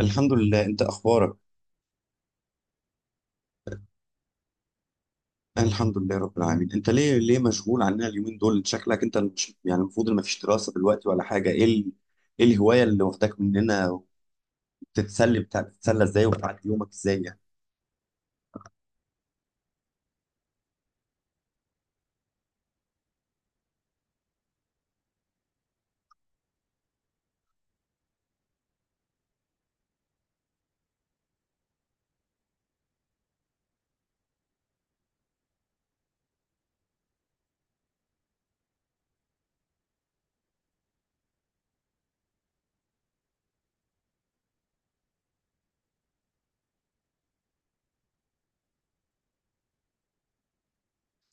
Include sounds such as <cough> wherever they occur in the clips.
الحمد لله. انت اخبارك؟ أنا الحمد لله رب العالمين. انت ليه مشغول عننا اليومين دول؟ شكلك انت مش يعني المفروض ان مفيش دراسة دلوقتي ولا حاجة. ايه الهواية اللي واخداك مننا؟ بتتسلى ازاي وبتعدي يومك ازاي يعني؟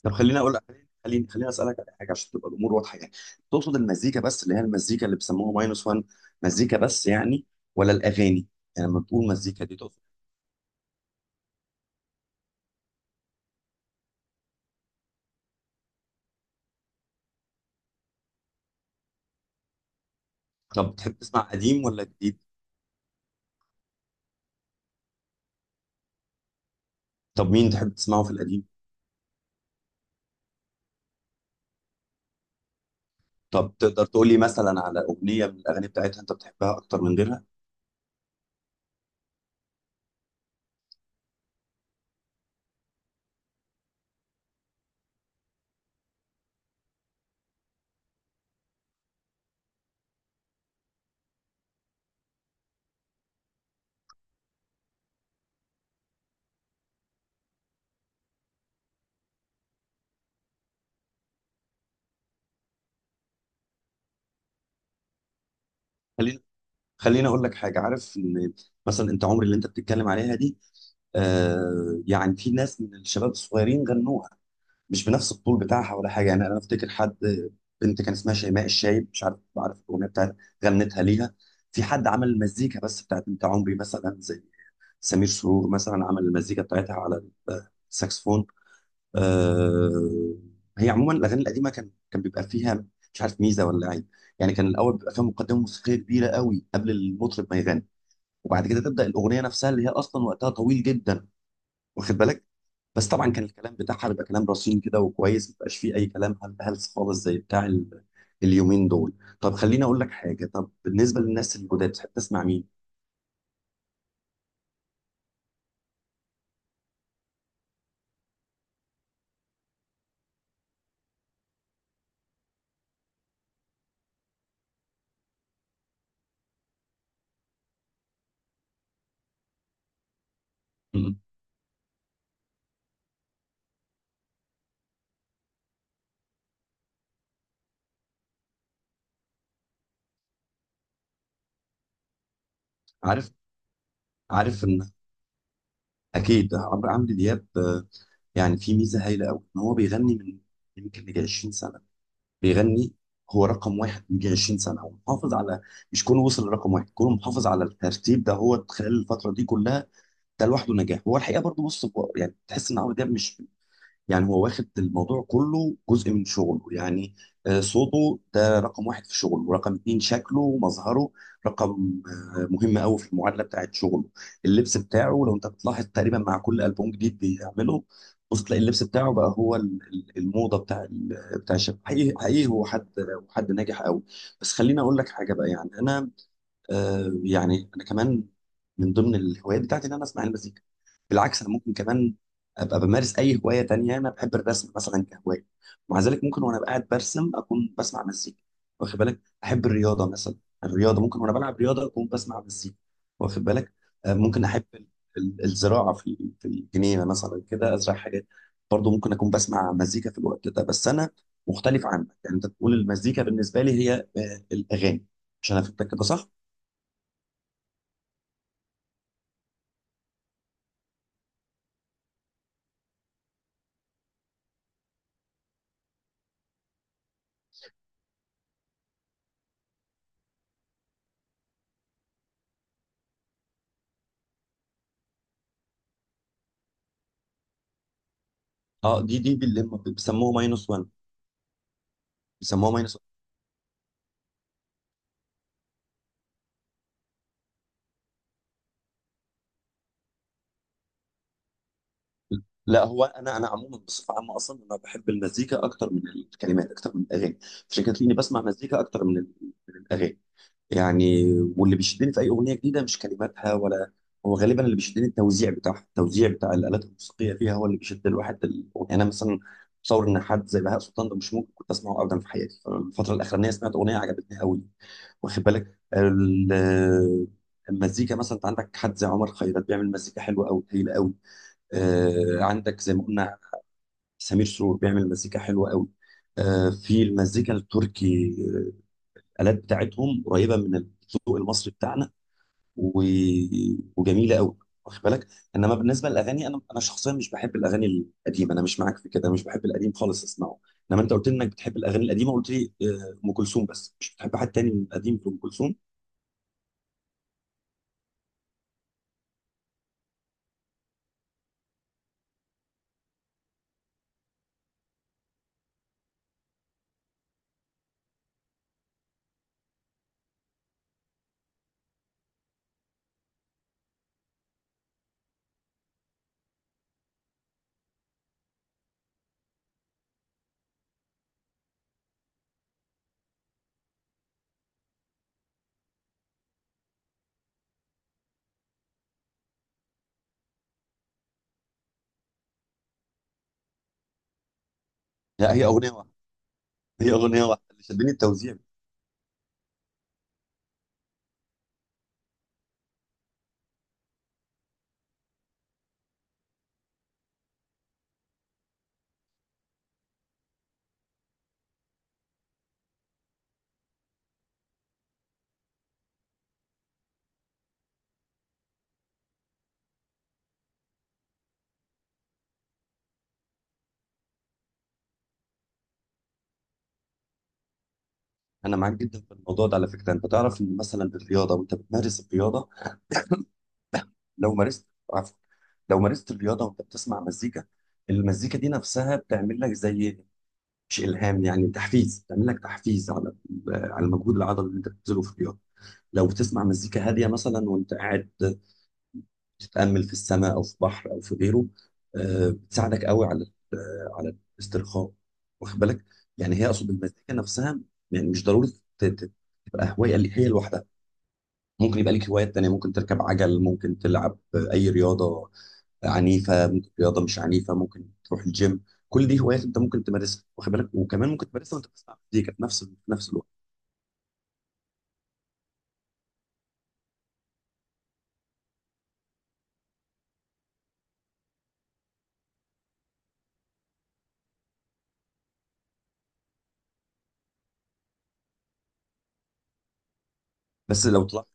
طب خليني اقول لك، خليني اسالك على حاجة عشان تبقى الامور واضحة يعني. تقصد المزيكا بس اللي هي المزيكا اللي بيسموها ماينس 1؟ مزيكا بس يعني، ولا الاغاني؟ يعني لما بتقول مزيكا دي تقصد؟ طب بتحب تسمع قديم ولا جديد؟ طب مين تحب تسمعه في القديم؟ طب تقدر تقول لي مثلا على اغنيه من الاغاني بتاعتها انت بتحبها اكتر من غيرها؟ خلينا خلينا اقول لك حاجه، عارف ان مثلا انت عمري اللي انت بتتكلم عليها دي، آه يعني في ناس من الشباب الصغيرين غنوها، مش بنفس الطول بتاعها ولا حاجه، يعني انا افتكر حد، بنت كان اسمها شيماء الشايب، مش عارف، عارف الاغنيه بتاعتها، غنتها ليها. في حد عمل المزيكا بس بتاعت انت عمري مثلا زي سمير سرور مثلا، عمل المزيكا بتاعتها على الساكسفون. آه، هي عموما الاغاني القديمه كان بيبقى فيها، مش عارف، ميزه ولا عيب، يعني كان الاول بيبقى فيها مقدمه موسيقيه كبيره قوي قبل المطرب ما يغني، وبعد كده تبدا الاغنيه نفسها اللي هي اصلا وقتها طويل جدا، واخد بالك. بس طبعا كان الكلام بتاعها بيبقى كلام رصين كده وكويس، ما بيبقاش فيه اي كلام هلس خالص زي بتاع اليومين دول. طب خليني اقول لك حاجه، طب بالنسبه للناس الجداد تحب تسمع مين؟ م- م. عارف عارف ان، اكيد عمرو دياب، يعني في ميزه هايله قوي ان هو بيغني من يمكن يجي 20 سنه، بيغني. هو رقم واحد من يجي 20 سنه ومحافظ على، مش كونه وصل لرقم واحد، كونه محافظ على الترتيب ده هو خلال الفتره دي كلها، ده لوحده نجاح. هو الحقيقه برضه بص، هو يعني تحس ان عمرو دياب مش يعني هو واخد الموضوع كله جزء من شغله يعني. صوته ده رقم واحد في شغله، ورقم اتنين شكله ومظهره رقم مهم قوي في المعادلة بتاعت شغله. اللبس بتاعه لو انت بتلاحظ تقريبا مع كل ألبوم جديد بيعمله، بص تلاقي اللبس بتاعه بقى هو الموضة بتاع بتاع الشباب، حقيقي حقيقي هو حد، هو حد ناجح قوي. بس خليني اقول لك حاجة بقى، يعني انا آه يعني انا كمان من ضمن الهوايات بتاعتي ان انا اسمع المزيكا، بالعكس انا ممكن كمان ابقى بمارس اي هوايه تانية، يعني انا بحب الرسم مثلا كهوايه، ومع ذلك ممكن وانا قاعد برسم اكون بسمع مزيكا، واخد بالك، احب الرياضه مثلا، الرياضه ممكن وانا بلعب رياضه اكون بسمع مزيكا، واخد بالك، ممكن احب الزراعه في الجنينه مثلا كده، ازرع حاجات، برضه ممكن اكون بسمع مزيكا في الوقت ده. بس انا مختلف عنك، يعني انت بتقول المزيكا بالنسبه لي هي الاغاني، عشان افهمك كده صح. اه، دي اللي بيسموه ماينس 1، بيسموه ماينس واحد. لا، هو انا انا عموما بصفه عامه اصلا انا بحب المزيكا اكتر من الكلمات اكتر من الاغاني، عشان كده تلاقيني بسمع مزيكا اكتر من من الاغاني يعني. واللي بيشدني في اي اغنيه جديده مش كلماتها ولا، هو غالبا اللي بيشدني التوزيع بتاعها، التوزيع بتاع الالات الموسيقيه فيها هو اللي بيشد الواحد الاغنيه. انا مثلا متصور ان حد زي بهاء سلطان ده مش ممكن كنت اسمعه ابدا في حياتي، الفتره الاخرانيه سمعت اغنيه عجبتني قوي، واخد بالك المزيكا. مثلا انت عندك حد زي عمر خيرت بيعمل مزيكا حلوه قوي، هايله قوي. عندك زي ما قلنا سمير سرور بيعمل مزيكا حلوة قوي. في المزيكا التركي الالات بتاعتهم قريبه من الذوق المصري بتاعنا، و... وجميله قوي، واخد بالك. انما بالنسبه للاغاني انا، انا شخصيا مش بحب الاغاني القديمه، انا مش معاك في كده، مش بحب القديم خالص اسمعه. انما انت قلت لي انك بتحب الاغاني القديمه، قلت لي ام كلثوم بس، مش بتحب حد تاني من القديم في ام كلثوم. لا، هي اغنيه واحده، هي اغنيه واحده اللي شدني التوزيع. انا معاك جدا في الموضوع ده على فكره. انت تعرف ان مثلا الرياضه وانت بتمارس الرياضه، لو مارست، عفوا، لو مارست الرياضه وانت بتسمع مزيكا، المزيكا دي نفسها بتعمل لك زي، مش الهام يعني، تحفيز، بتعمل لك تحفيز على على المجهود العضلي اللي انت بتبذله في الرياضه. لو بتسمع مزيكا هاديه مثلا وانت قاعد بتتامل في السماء او في بحر او في غيره، بتساعدك قوي على على الاسترخاء، واخد بالك. يعني هي، اقصد المزيكا نفسها، يعني مش ضروري ت- ت- تبقى هوايه اللي هي لوحدها. ممكن يبقى لك هوايات تانيه، ممكن تركب عجل، ممكن تلعب اي رياضه عنيفه، ممكن رياضه مش عنيفه، ممكن تروح الجيم، كل دي هوايات انت ممكن تمارسها، واخد بالك، وكمان ممكن تمارسها وانت بتسمع مزيكا في نفس الوقت. بس لو تلاحظ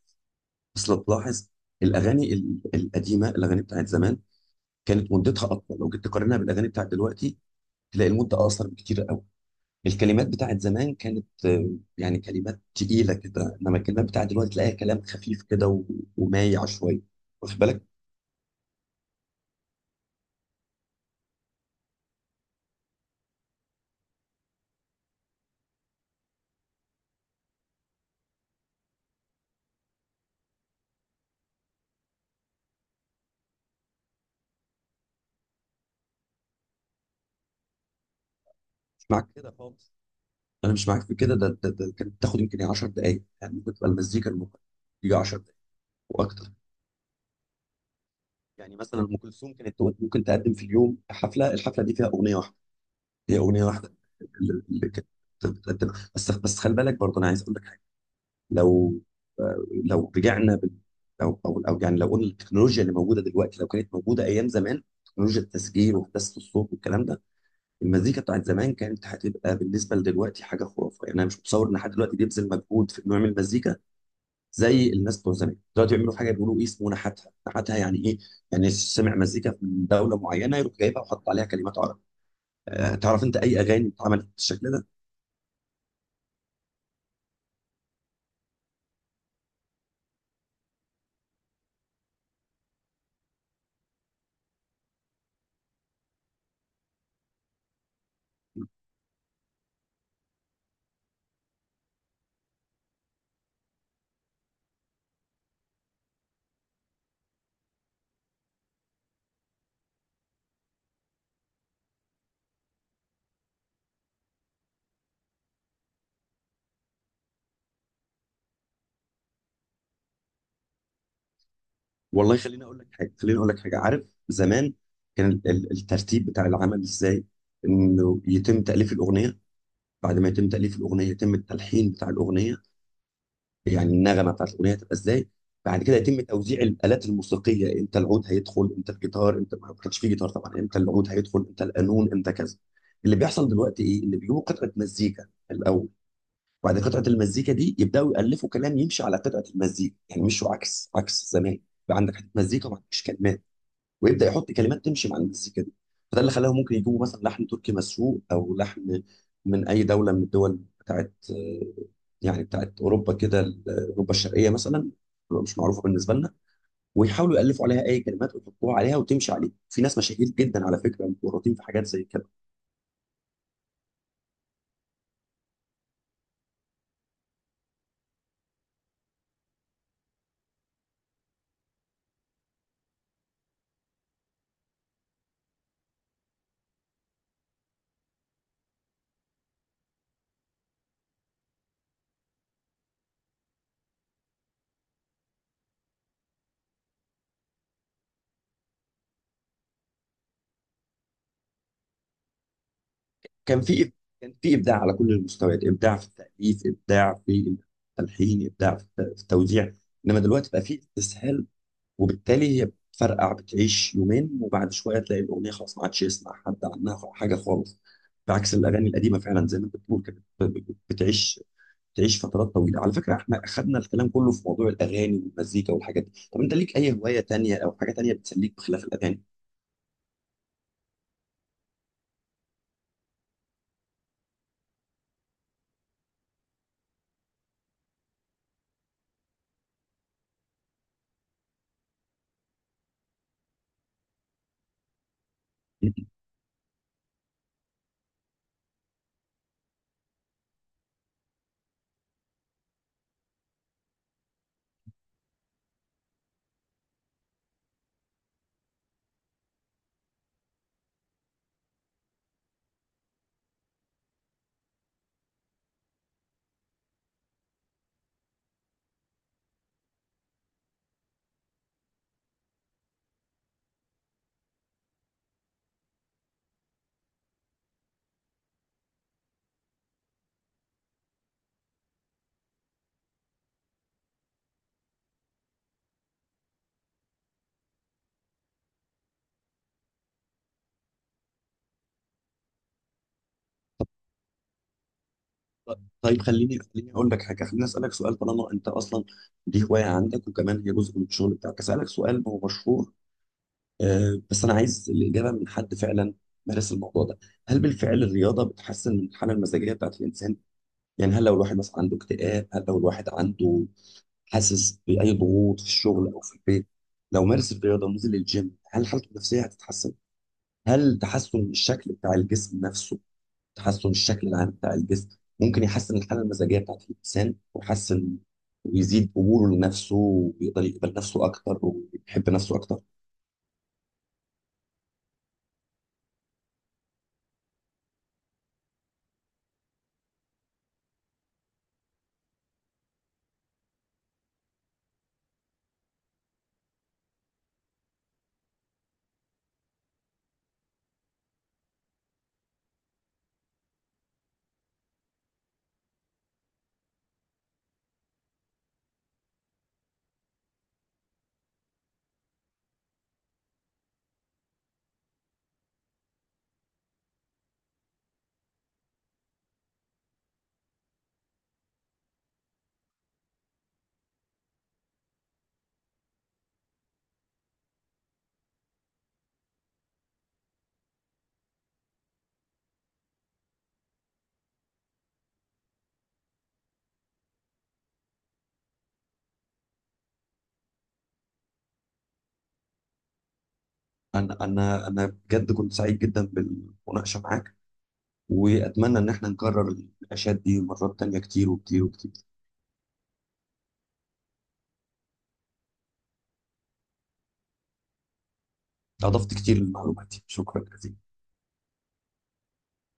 بس لو تلاحظ الاغاني القديمه، الاغاني بتاعت زمان كانت مدتها اطول، لو جيت تقارنها بالاغاني بتاعت دلوقتي تلاقي المده اقصر بكتير قوي. الكلمات بتاعت زمان كانت يعني كلمات تقيله كده، انما الكلمات بتاعت دلوقتي تلاقيها كلام خفيف كده ومايع شويه، واخد بالك. مش معاك كده خالص، انا مش معاك في كده، ده كانت بتاخد يمكن 10 دقائق يعني، ممكن تبقى المزيكا الممكن تيجي 10 دقائق واكتر. يعني مثلا ام كلثوم كانت ممكن تقدم في اليوم حفله، الحفله دي فيها اغنيه واحده، هي اغنيه واحده اللي كانت بتقدم بس. بس خلي بالك برضه انا عايز اقول لك حاجه، لو لو رجعنا او يعني لو قلنا التكنولوجيا اللي موجوده دلوقتي لو كانت موجوده ايام زمان، تكنولوجيا التسجيل وهندسه الصوت والكلام ده، المزيكا بتاعت زمان كانت هتبقى بالنسبه لدلوقتي حاجه خرافه. يعني انا مش متصور ان حد دلوقتي بيبذل مجهود في انه يعمل مزيكا زي الناس بتوع زمان. دلوقتي بيعملوا حاجه بيقولوا ايه اسمه، نحتها، نحتها يعني ايه، يعني سمع مزيكا من دوله معينه يروح جايبها وحط عليها كلمات عربي. أه تعرف انت اي اغاني اتعملت بالشكل ده؟ والله خليني اقول لك حاجه، خليني اقول لك حاجه، عارف زمان كان الترتيب بتاع العمل ازاي، انه يتم تاليف الاغنيه، بعد ما يتم تاليف الاغنيه يتم التلحين بتاع الاغنيه، يعني النغمه بتاعت الاغنيه هتبقى ازاي، بعد كده يتم توزيع الالات الموسيقيه، امتى العود هيدخل، امتى الجيتار، امتى ما كانش فيه جيتار طبعا، امتى العود هيدخل، امتى القانون، امتى كذا. اللي بيحصل دلوقتي ايه؟ اللي بيجيبوا قطعه مزيكا الاول، وبعد قطعه المزيكا دي يبداوا يالفوا كلام يمشي على قطعه المزيكا، يعني مش عكس، عكس زمان. بقى عندك حته مزيكا وما عندكش كلمات، ويبدا يحط كلمات تمشي مع المزيكا دي. فده اللي خلاهم ممكن يجيبوا مثلا لحن تركي مسروق، او لحن من اي دوله من الدول بتاعت يعني بتاعت اوروبا كده، اوروبا الشرقيه مثلا، بتبقى مش معروفه بالنسبه لنا، ويحاولوا يالفوا عليها اي كلمات ويحطوها عليها وتمشي عليها. في ناس مشاهير جدا على فكره متورطين في حاجات زي كده. كان في كان في ابداع على كل المستويات، ابداع في التاليف، ابداع في التلحين، ابداع في في التوزيع. انما دلوقتي بقى في استسهال، وبالتالي هي بتفرقع بتعيش يومين وبعد شويه تلاقي الاغنيه خلاص ما عادش يسمع حد عنها حاجه خالص. بعكس الاغاني القديمه فعلا زي ما انت بتقول كده بتعيش فترات طويله على فكره. احنا اخذنا الكلام كله في موضوع الاغاني والمزيكا والحاجات دي، طب انت ليك اي هوايه تانية او حاجه تانية بتسليك بخلاف الاغاني؟ <laughs> طيب خليني اقول لك حاجه، خليني اسالك سؤال. طالما انت اصلا دي هوايه عندك وكمان هي جزء من الشغل بتاعك، اسالك سؤال هو مشهور، بس انا عايز الاجابه من حد فعلا مارس الموضوع ده. هل بالفعل الرياضه بتحسن من الحاله المزاجيه بتاعت الانسان؟ يعني هل لو الواحد مثلا عنده اكتئاب، هل لو الواحد عنده حاسس باي ضغوط في الشغل او في البيت، لو مارس الرياضه ونزل الجيم هل حالته النفسيه هتتحسن؟ هل تحسن الشكل بتاع الجسم نفسه، تحسن الشكل العام بتاع الجسم، ممكن يحسن الحاله المزاجيه بتاعت الانسان، ويحسن ويزيد قبوله لنفسه ويقدر يقبل نفسه اكتر ويحب نفسه اكتر؟ انا بجد كنت سعيد جدا بالمناقشه معاك، واتمنى ان احنا نكرر النقاشات دي مرات تانية كتير وكتير وكتير. اضفت كتير لمعلوماتي، شكرا جزيلا.